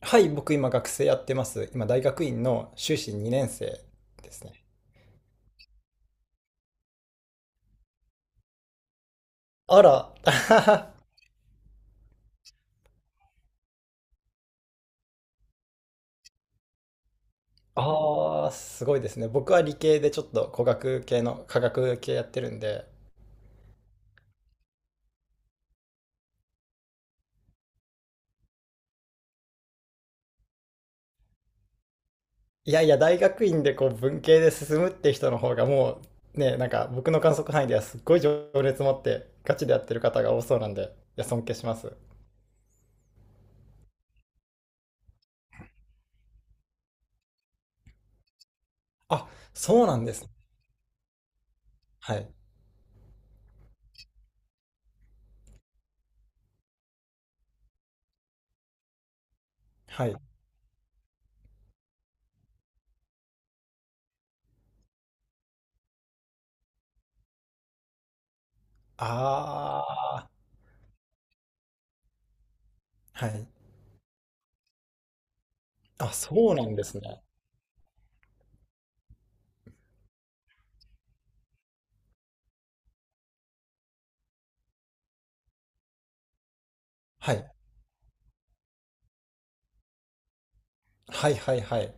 はい、僕今学生やってます。今大学院の修士2年生ですね。あら、ああ、すごいですね。僕は理系でちょっと工学系の科学系やってるんで、いやいや、大学院でこう文系で進むって人の方がもうね、僕の観測範囲ではすっごい情熱持ってガチでやってる方が多そうなんで、いや、尊敬します。あ、そうなんですね。はい。はい。ああ、はい。あ、そうなんですね。はい。はいはいはい。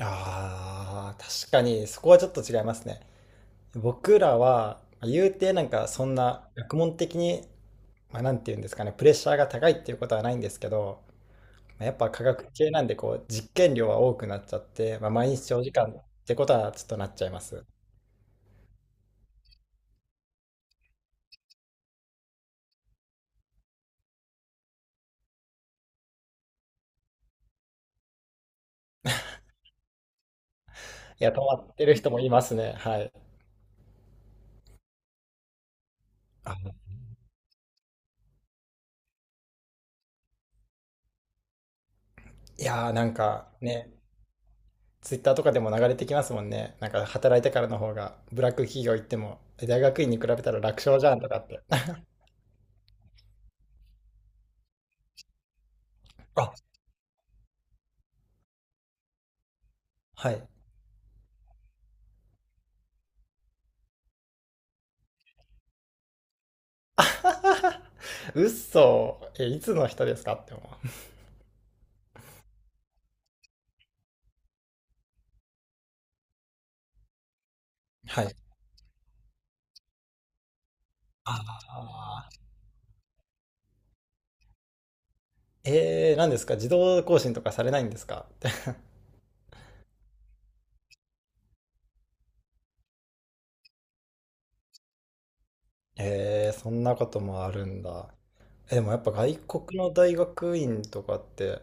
ああ、確かにそこはちょっと違いますね。僕らは、まあ言うてなんかそんな学問的に、まあ、なんて言うんですかね、プレッシャーが高いっていうことはないんですけど、まあ、やっぱ科学系なんでこう実験量は多くなっちゃって、まあ、毎日長時間ってことはちょっとなっちゃいます。いや、止まってる人もいますね。はい。あ、いやーなんかね、ツイッターとかでも流れてきますもんね。なんか働いてからの方がブラック企業行っても、え大学院に比べたら楽勝じゃんとかって。あ、はい。うっそーえ、いつの人ですかって思う。はい。あーえー、何ですか自動更新とかされないんですかって。えー、そんなこともあるんだ。え、でもやっぱ外国の大学院とかって、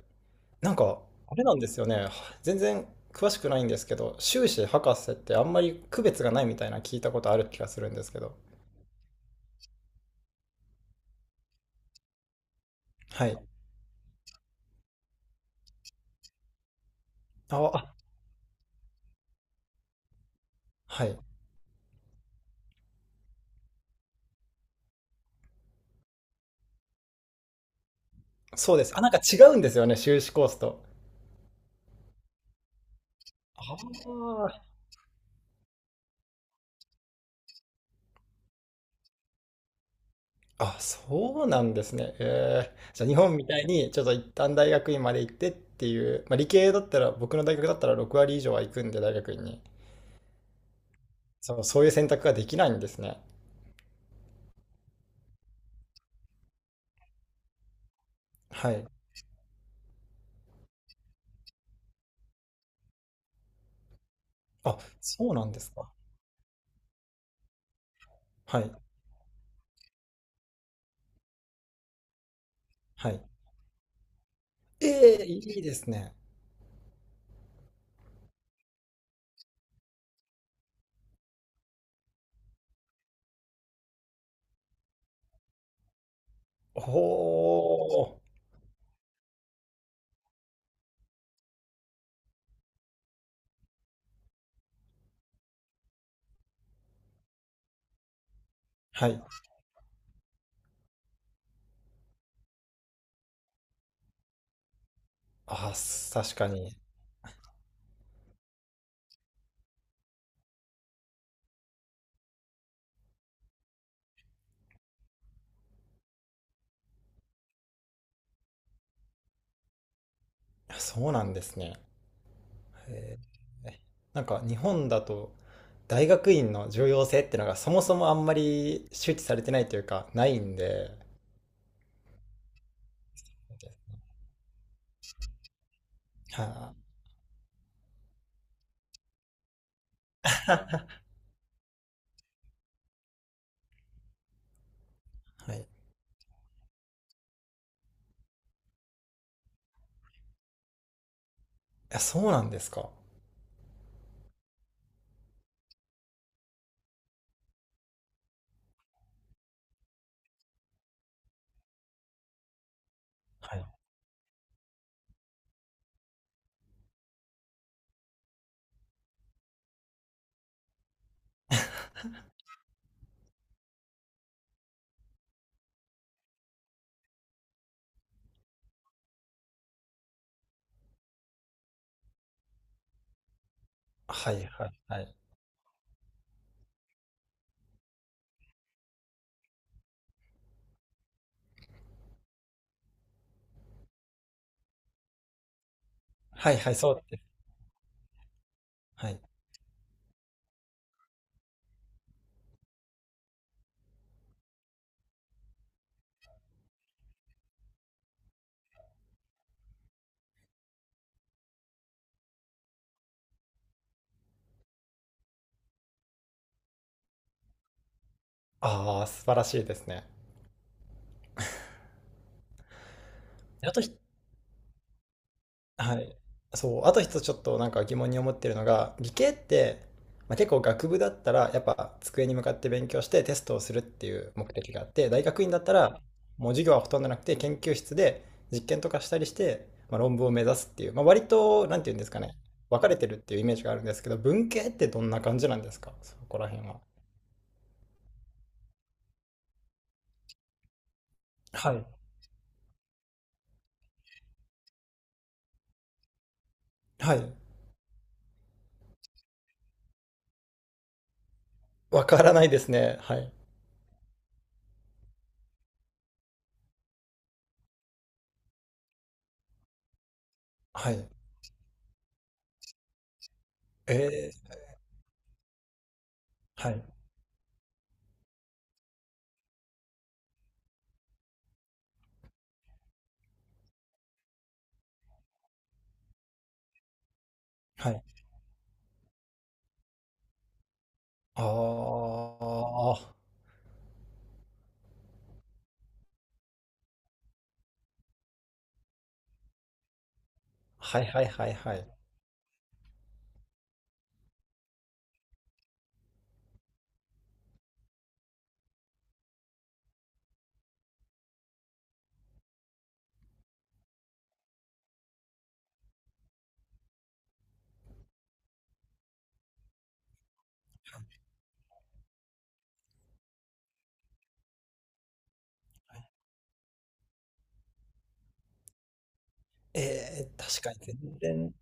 なんか、あれなんですよね。全然詳しくないんですけど、修士博士ってあんまり区別がないみたいな聞いたことある気がするんですけど。はい。あ、あはい。そうです。あ、なんか違うんですよね、修士コースと。あああ、そうなんですね。えーじゃあ日本みたいにちょっと一旦大学院まで行ってっていう、まあ、理系だったら僕の大学だったら6割以上は行くんで大学院に。そう、そういう選択ができないんですね。はい。あ、そうなんですか。はい。はい。ええいいですね。おお。はい。あ、す確かに。そうなんですね。へえなんか日本だと大学院の重要性ってのがそもそもあんまり周知されてないというかないんで。はあ、はい。あ、そうなんですか。はい。はいはいはい。はいはい、そうです。はい。ああ、素晴らしいですね。あとひはい。そう、あと一つちょっとなんか疑問に思ってるのが、理系って、まあ、結構学部だったらやっぱ机に向かって勉強してテストをするっていう目的があって、大学院だったらもう授業はほとんどなくて研究室で実験とかしたりして、まあ、論文を目指すっていう、まあ、割となんていうんですかね、分かれてるっていうイメージがあるんですけど、文系ってどんな感じなんですか、そこら辺は。はい。はい。わからないですね。はい。はい。えーはい。はい。ああ、はいはいはいはい。えー確かに全然、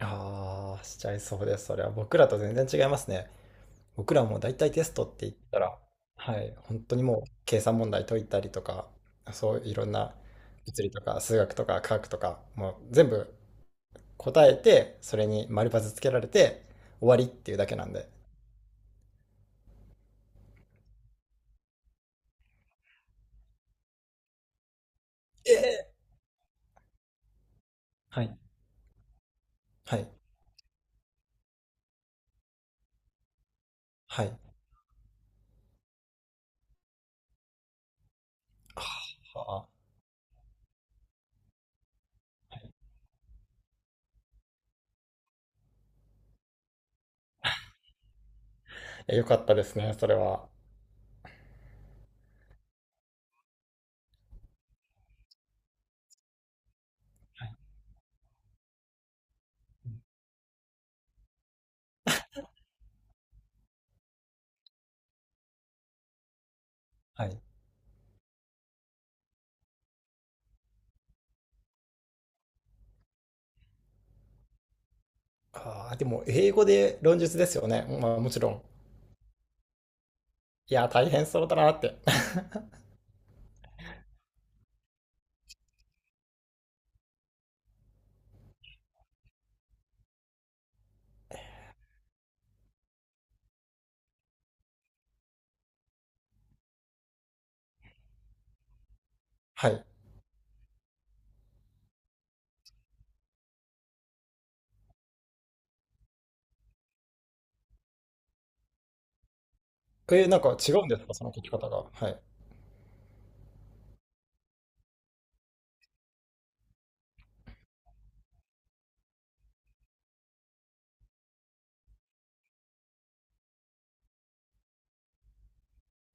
ああ、しちゃいそうです。それは僕らと全然違いますね。僕らもだいたいテストって言ったら、はい、本当にもう計算問題解いたりとか、そういろんな物理とか数学とか科学とか、もう全部答えて、それに丸パスつけられて終わりっていうだけなんで。ええ、はい、はい、はい。ああ、え、良かったですね、それは。はい。はい。ああ、でも英語で論述ですよね。まあもちろん。いや、大変そうだなって。はい。え、なんか違うんですか、その書き方が。はい。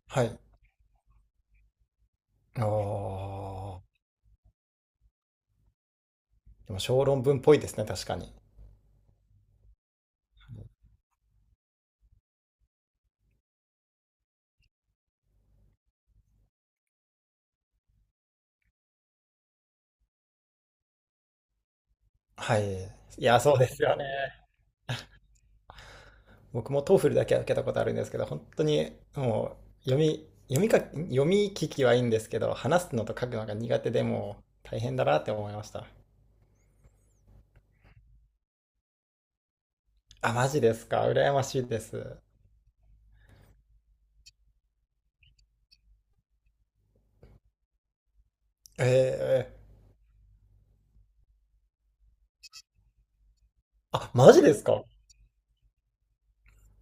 はい。ああ、でも小論文っぽいですね、確かに。はい。いや、そうですよね。僕も TOEFL だけは受けたことあるんですけど、本当にもう読み、読み書き、読み聞きはいいんですけど、話すのと書くのが苦手でもう大変だなって思いました。あ、マジですか。羨ましいです。ええ。あ、マジですか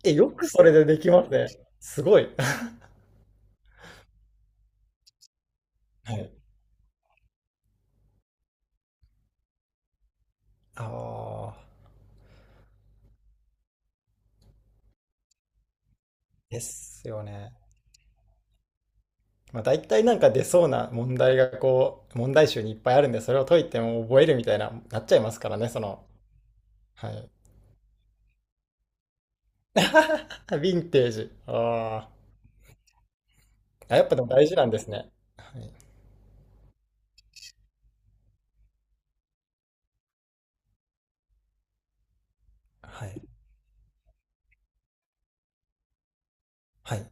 え、よくそれでできますね。すごい。はい。ああ、ですよね。まあ、大体なんか出そうな問題がこう、問題集にいっぱいあるんで、それを解いても覚えるみたいな、なっちゃいますからね、その。はい。ヴィンテージ。あーあ、やっぱでも大事なんですね。はい。はい。はい。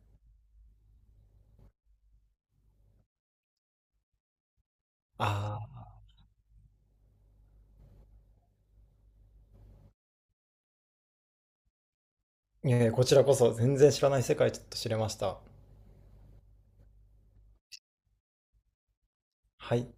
ああ、いえいえこちらこそ全然知らない世界ちょっと知れました。はい。